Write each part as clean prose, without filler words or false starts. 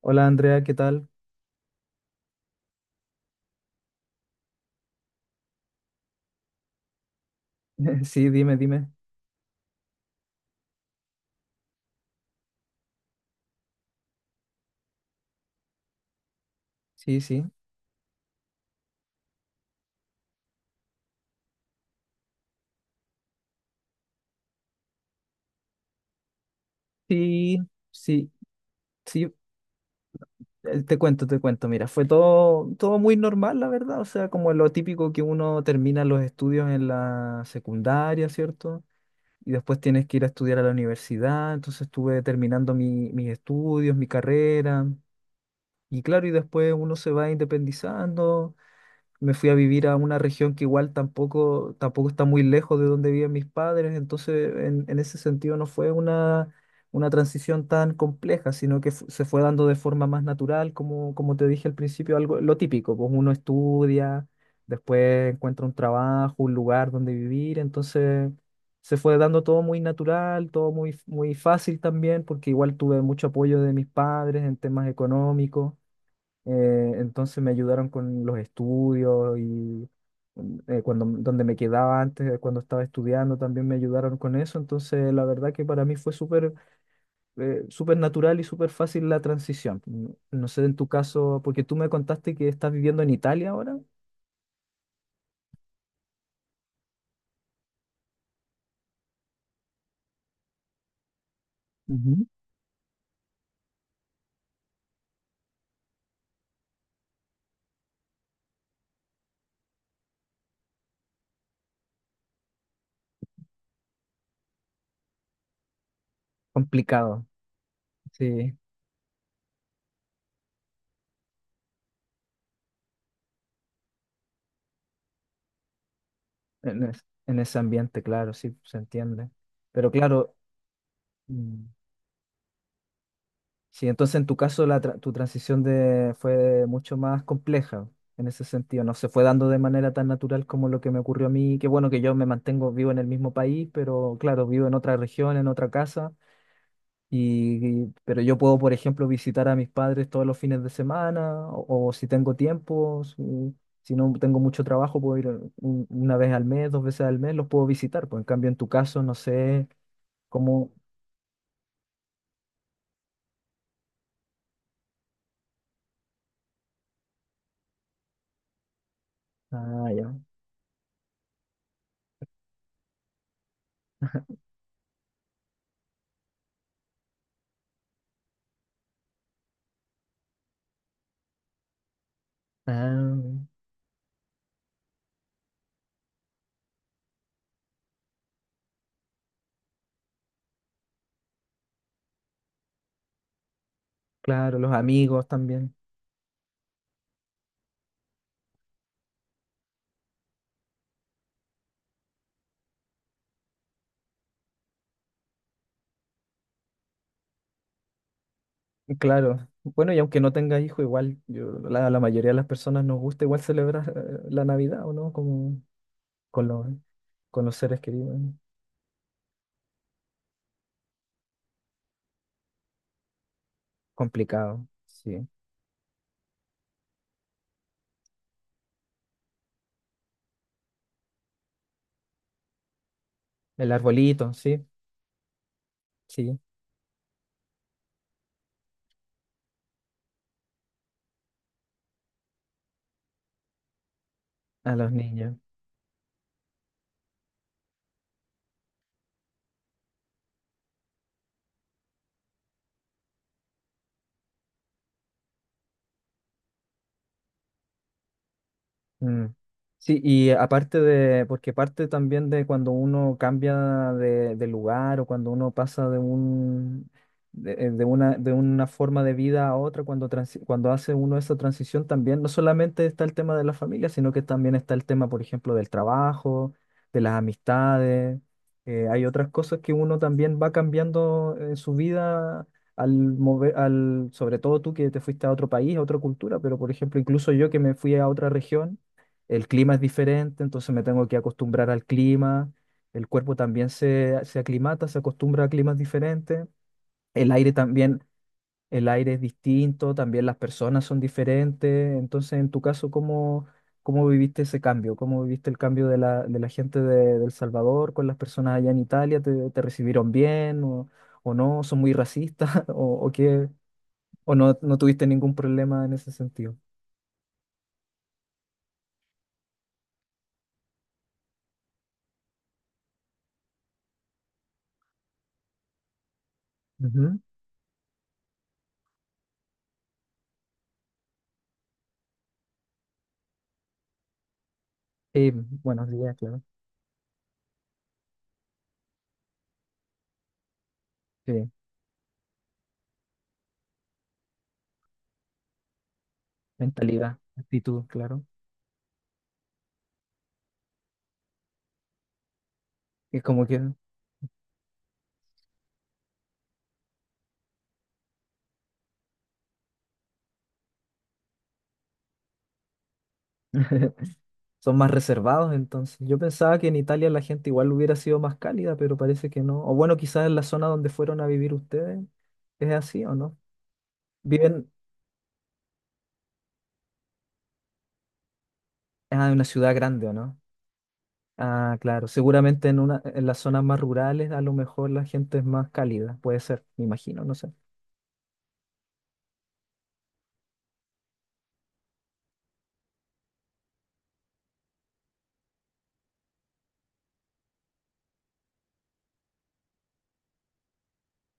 Hola Andrea, ¿qué tal? Sí, dime, dime. Sí, sí. Sí, sí, sí. Te cuento, te cuento. Mira, fue todo, todo muy normal, la verdad. O sea, como lo típico que uno termina los estudios en la secundaria, ¿cierto? Y después tienes que ir a estudiar a la universidad. Entonces estuve terminando mis estudios, mi carrera. Y claro, y después uno se va independizando. Me fui a vivir a una región que igual tampoco, tampoco está muy lejos de donde viven mis padres, entonces en ese sentido no fue una transición tan compleja, sino que se fue dando de forma más natural, como, como te dije al principio, algo lo típico, pues uno estudia, después encuentra un trabajo, un lugar donde vivir, entonces se fue dando todo muy natural, todo muy, muy fácil también, porque igual tuve mucho apoyo de mis padres en temas económicos. Entonces me ayudaron con los estudios y cuando, donde me quedaba antes, cuando estaba estudiando, también me ayudaron con eso. Entonces, la verdad que para mí fue súper súper natural y súper fácil la transición. No, no sé en tu caso, porque tú me contaste que estás viviendo en Italia ahora. Ujú. Complicado, sí, en ese ambiente, claro, sí, se entiende. Pero claro, mm, sí, entonces en tu caso la tu transición de, fue mucho más compleja en ese sentido. No se fue dando de manera tan natural como lo que me ocurrió a mí. Qué bueno que yo me mantengo vivo en el mismo país, pero claro, vivo en otra región, en otra casa. Pero yo puedo, por ejemplo, visitar a mis padres todos los fines de semana o si tengo tiempo, si, si no tengo mucho trabajo, puedo ir una vez al mes, dos veces al mes, los puedo visitar. Pues en cambio, en tu caso, no sé cómo... Ah, ya. Ah, claro, los amigos también. Claro, bueno, y aunque no tenga hijo, igual yo, la mayoría de las personas nos gusta igual celebrar la Navidad, ¿o no? Como con los, con los seres queridos, ¿no? Complicado, sí. El arbolito, sí, sí, a los niños. Mm. Sí, y aparte de, porque parte también de cuando uno cambia de lugar o cuando uno pasa de un, de una forma de vida a otra, cuando, cuando hace uno esa transición también, no solamente está el tema de la familia, sino que también está el tema, por ejemplo, del trabajo, de las amistades. Hay otras cosas que uno también va cambiando en su vida al mover, al, sobre todo tú que te fuiste a otro país, a otra cultura, pero por ejemplo, incluso yo que me fui a otra región, el clima es diferente, entonces me tengo que acostumbrar al clima, el cuerpo también se aclimata, se acostumbra a climas diferentes, el aire también, el aire es distinto, también las personas son diferentes, entonces en tu caso, ¿cómo, cómo viviste ese cambio? ¿Cómo viviste el cambio de la gente de El Salvador con las personas allá en Italia? ¿Te, te recibieron bien o no? ¿Son muy racistas o qué? ¿O no, no tuviste ningún problema en ese sentido? Ujú. Sí, buenos días, claro. Sí. Mentalidad, actitud, claro. Y como que son más reservados entonces. Yo pensaba que en Italia la gente igual hubiera sido más cálida, pero parece que no. O bueno, quizás en la zona donde fueron a vivir ustedes, ¿es así o no? Viven, ah, en una ciudad grande, ¿o no? Ah, claro. Seguramente en una, en las zonas más rurales a lo mejor la gente es más cálida. Puede ser, me imagino, no sé.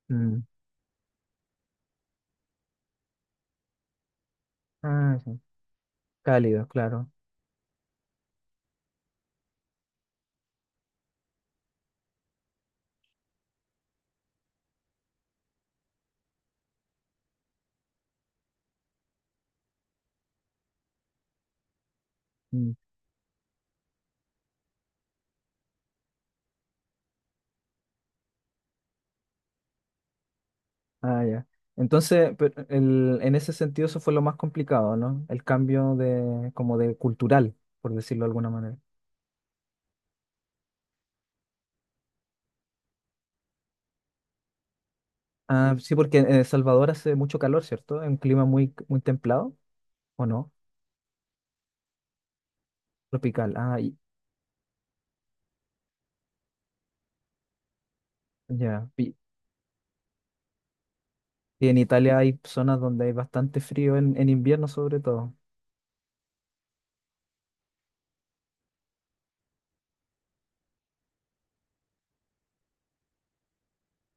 Mm. Ah, sí. Cálido, claro. Mm. Ah, ya. Entonces, pero en ese sentido eso fue lo más complicado, ¿no? El cambio de, como de cultural, por decirlo de alguna manera. Ah, sí, porque en El Salvador hace mucho calor, ¿cierto? Es un clima muy, muy templado, ¿o no? Tropical. Ah, y- ya. Y en Italia hay zonas donde hay bastante frío en invierno, sobre todo.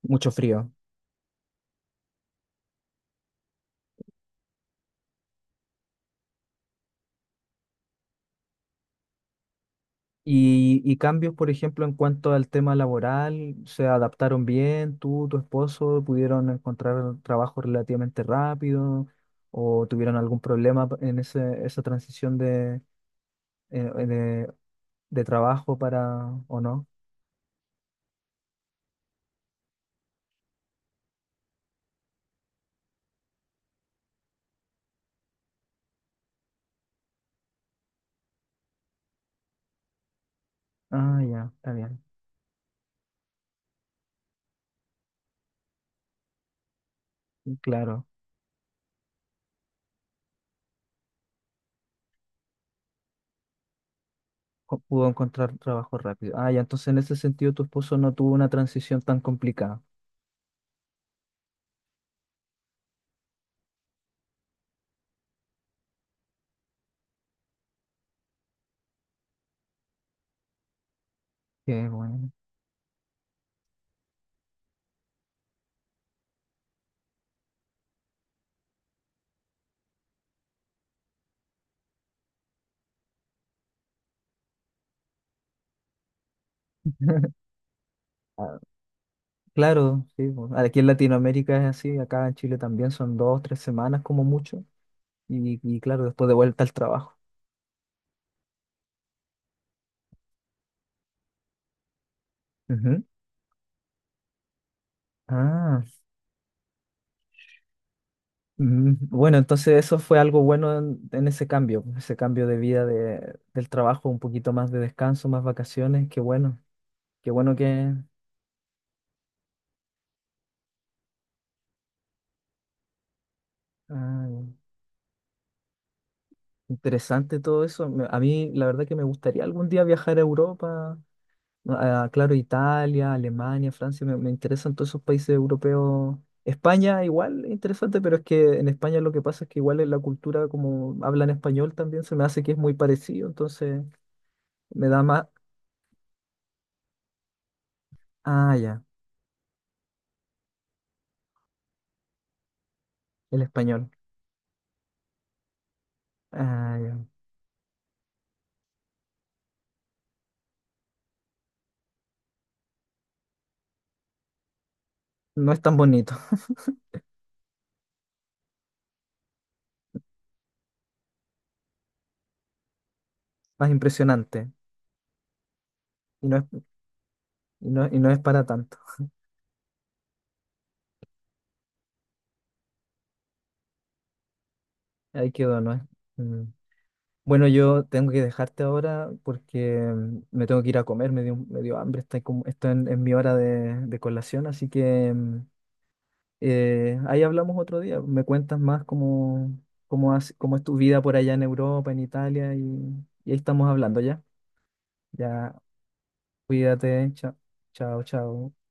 Mucho frío. Y cambios, por ejemplo, en cuanto al tema laboral, ¿se adaptaron bien? ¿Tú, tu esposo, pudieron encontrar trabajo relativamente rápido? ¿O tuvieron algún problema en ese, esa transición eh, eh, de, de trabajo para o no? Ah, ya, está bien. Y claro, pudo encontrar trabajo rápido. Ah, ya, entonces en ese sentido tu esposo no tuvo una transición tan complicada. Qué bueno. Claro, sí, pues, aquí en Latinoamérica es así, acá en Chile también son dos, tres semanas como mucho, y claro, después de vuelta al trabajo. Ujú. Ah, bueno, entonces eso fue algo bueno en ese cambio de vida de, del trabajo, un poquito más de descanso, más vacaciones, qué bueno que... Ah, interesante todo eso. A mí la verdad que me gustaría algún día viajar a Europa. Ah, claro, Italia, Alemania, Francia, me interesan todos esos países europeos. España igual, es interesante, pero es que en España lo que pasa es que igual en la cultura, como hablan español también, se me hace que es muy parecido, entonces me da más... Ah, ya, el español. Ah, ya. No es tan bonito, más impresionante, y no es, y no es para tanto. Ahí quedó, ¿no es? Bueno, yo tengo que dejarte ahora porque me tengo que ir a comer, me dio hambre, estoy, como, estoy en mi hora de colación, así que ahí hablamos otro día. Me cuentas más cómo, cómo, cómo es tu vida por allá en Europa, en Italia, y ahí estamos hablando ya. Ya, cuídate, chao, chao, chao.